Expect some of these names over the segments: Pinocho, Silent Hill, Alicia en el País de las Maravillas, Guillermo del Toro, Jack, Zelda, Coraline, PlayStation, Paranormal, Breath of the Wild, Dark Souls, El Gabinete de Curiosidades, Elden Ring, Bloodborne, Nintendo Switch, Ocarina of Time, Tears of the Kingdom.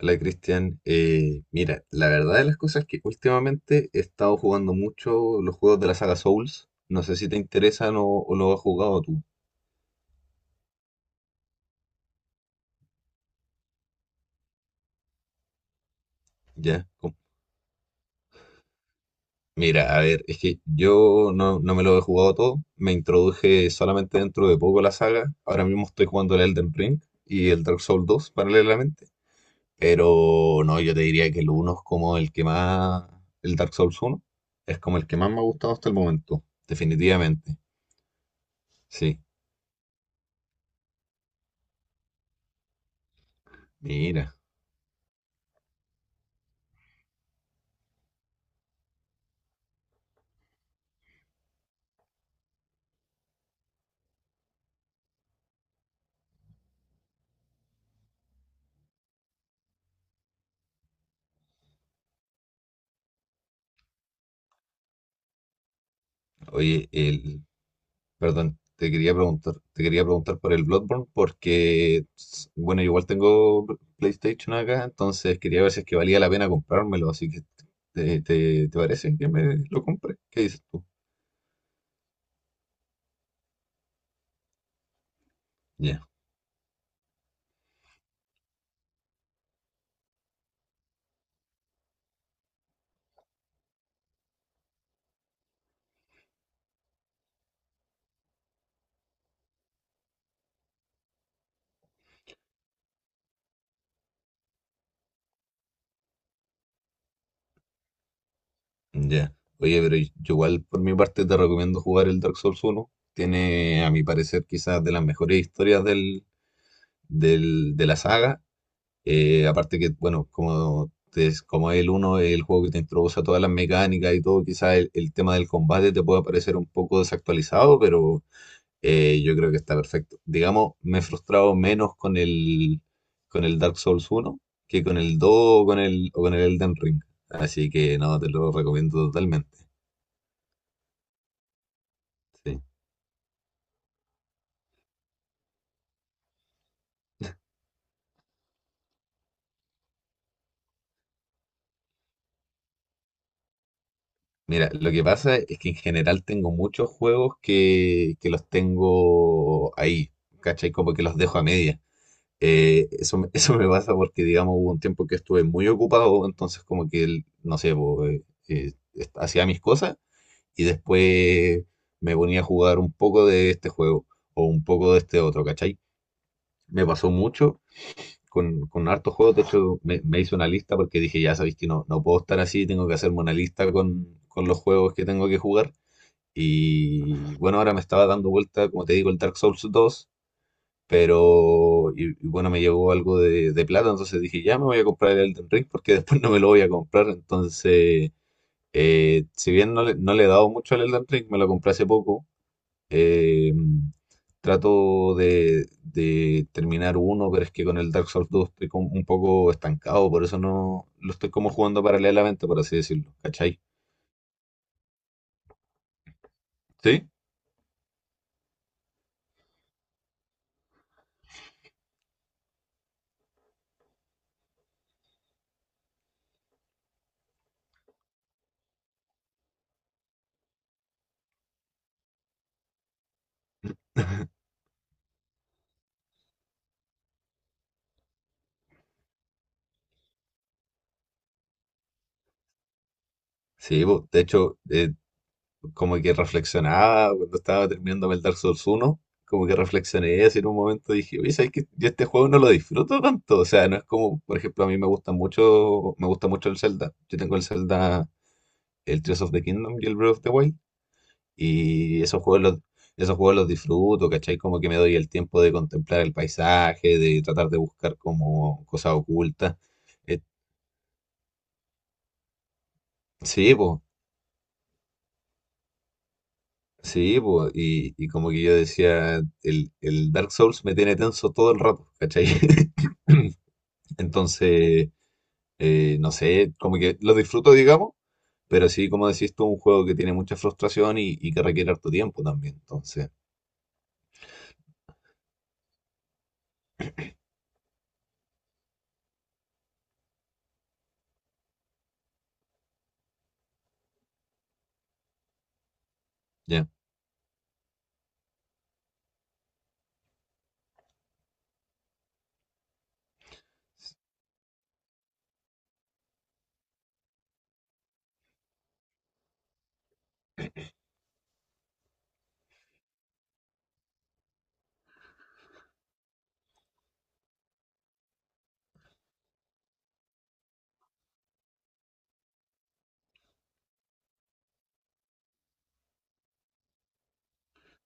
Hola Cristian, mira, la verdad de las cosas es que últimamente he estado jugando mucho los juegos de la saga Souls. No sé si te interesan o lo has jugado tú. Ya. Mira, a ver, es que yo no me lo he jugado todo. Me introduje solamente dentro de poco a la saga. Ahora mismo estoy jugando el Elden Ring y el Dark Souls dos paralelamente. Pero no, yo te diría que el 1 es como el que más, el Dark Souls uno es como el que más me ha gustado hasta el momento, definitivamente. Sí. Mira. Oye, el, perdón, te quería preguntar por el Bloodborne porque, bueno, yo igual tengo PlayStation acá, entonces quería ver si es que valía la pena comprármelo, así que ¿te parece que me lo compre? ¿Qué dices tú? Ya, ya. Oye, pero yo igual por mi parte te recomiendo jugar el Dark Souls uno. Tiene, a mi parecer, quizás de las mejores historias de la saga. Aparte que, bueno, como, como el uno es el juego que te introduce a todas las mecánicas y todo, quizás el tema del combate te pueda parecer un poco desactualizado, pero yo creo que está perfecto. Digamos, me he frustrado menos con el Dark Souls uno que con el 2 o con el Elden Ring. Así que no, te lo recomiendo totalmente. Sí. Mira, lo que pasa es que en general tengo muchos juegos que los tengo ahí, ¿cachai? Como que los dejo a medias. Eso me pasa porque, digamos, hubo un tiempo que estuve muy ocupado, entonces como que, no sé, po, hacía mis cosas y después me ponía a jugar un poco de este juego o un poco de este otro, ¿cachai? Me pasó mucho con hartos juegos. De hecho me hice una lista porque dije, ya sabéis que no puedo estar así, tengo que hacerme una lista con los juegos que tengo que jugar. Y bueno, ahora me estaba dando vuelta, como te digo, el Dark Souls dos. Y bueno, me llegó algo de plata, entonces dije, ya me voy a comprar el Elden Ring porque después no me lo voy a comprar. Entonces, si bien no le he dado mucho al Elden Ring, me lo compré hace poco. eh, Trato de terminar uno, pero es que con el Dark Souls dos estoy como un poco estancado, por eso no lo estoy como jugando paralelamente, por así decirlo, ¿cachai? Sí, sí, po, de hecho, como que reflexionaba cuando estaba terminando el Dark Souls 1, como que reflexioné eso en un momento, dije, oye, ¿sabes qué? Yo este juego no lo disfruto tanto, o sea, no es como, por ejemplo, a mí me gusta mucho el Zelda, yo tengo el Zelda, el Tears of the Kingdom y el Breath of the Wild, y esos juegos los disfruto, ¿cachai? Como que me doy el tiempo de contemplar el paisaje, de tratar de buscar como cosas ocultas. Eh, sí, pues, sí, po, y como que yo decía, el Dark Souls me tiene tenso todo el rato, ¿cachai? Entonces, no sé, como que lo disfruto, digamos, pero sí, como decís tú, un juego que tiene mucha frustración y que requiere harto tiempo también. Entonces, ya.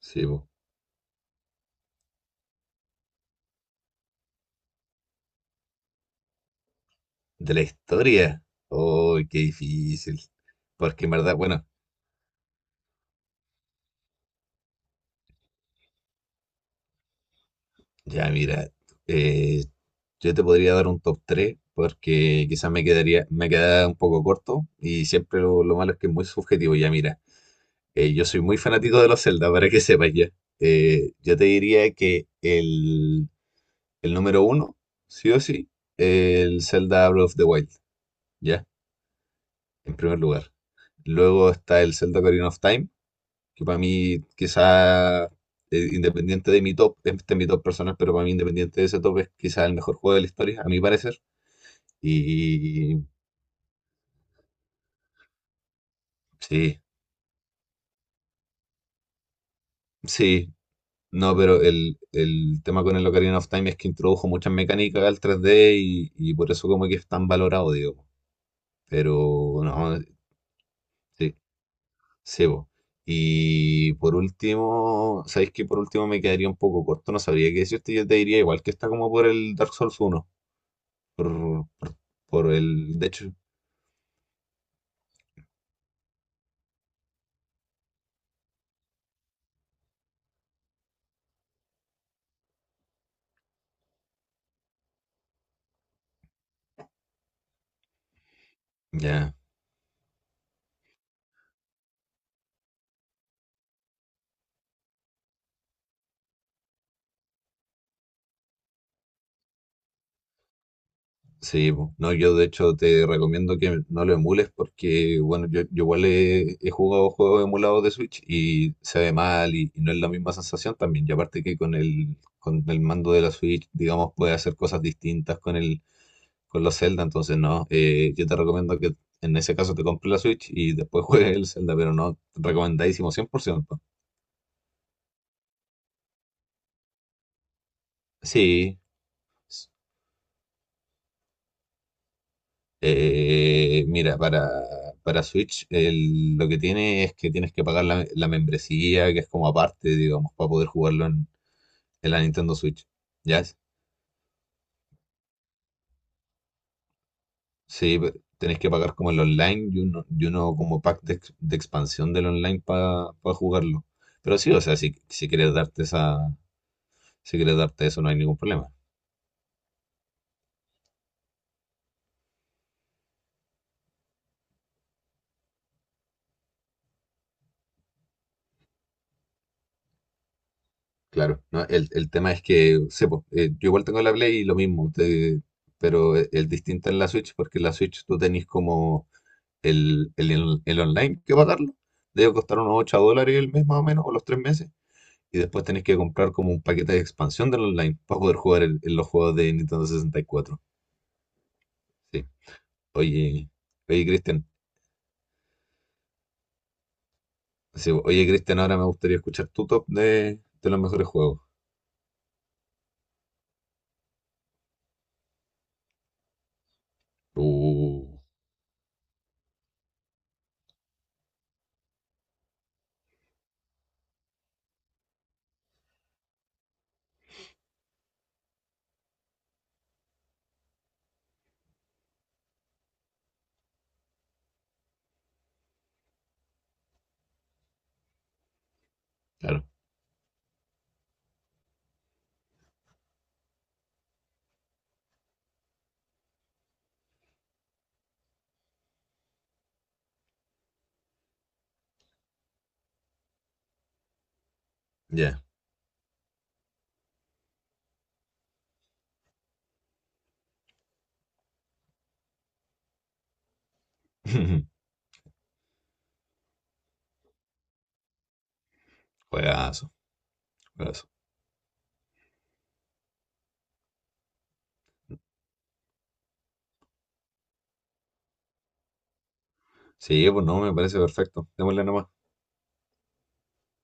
Sí, po. De la historia. Oh, qué difícil. Porque en verdad, bueno, ya, mira, eh, yo te podría dar un top 3 porque quizás me quedaría, me queda un poco corto y siempre lo malo es que es muy subjetivo. Ya, mira, yo soy muy fanático de los Zelda, para que sepas ya. Yo te diría que el número uno, sí o sí, el Zelda Breath of the Wild, ya, en primer lugar. Luego está el Zelda Ocarina of Time, que para mí quizá, independiente de mi top, este es mi top personal, pero para mí independiente de ese top es quizá el mejor juego de la historia, a mi parecer. Y sí, sí, no, pero el tema con el Ocarina of Time es que introdujo muchas mecánicas al 3D y por eso como que es tan valorado, digo. Pero no, sí, sí, po. Y por último, ¿sabéis que por último me quedaría un poco corto? No sabría qué decirte, yo te diría igual que está como por el Dark Souls uno por, de hecho, ya, sí, po. No, yo de hecho te recomiendo que no lo emules porque, bueno, yo igual he jugado juegos emulados de Switch y se ve mal y no es la misma sensación también. Y aparte que con el mando de la Switch, digamos, puede hacer cosas distintas con los Zelda, entonces no, yo te recomiendo que en ese caso te compres la Switch y después juegues el Zelda, pero no, recomendadísimo cien por ciento. Sí. Mira, para Switch lo que tiene es que tienes que pagar la membresía, que es como aparte, digamos, para poder jugarlo en la Nintendo Switch. ¿Ya? Sí, tenés que pagar como el online y uno como pack de expansión del online para jugarlo. Pero sí, o sea, si quieres darte si quieres darte eso, no hay ningún problema. Claro, ¿no? El tema es que, sepo, yo igual tengo la Play y lo mismo, pero el distinto en la Switch, porque en la Switch tú tenés como el online, que pagarlo debe costar unos 8 dólares el mes más o menos, o los 3 meses. Y después tenés que comprar como un paquete de expansión del online para poder jugar en los juegos de Nintendo sesenta y cuatro. Sí. Oye, oye, Cristian. Sí, oye, Cristian, ahora me gustaría escuchar tu top de los mejores juegos. Uh, claro. Ya. Juegazo, juegazo. Sí, pues no, me parece perfecto. Démosle nomás.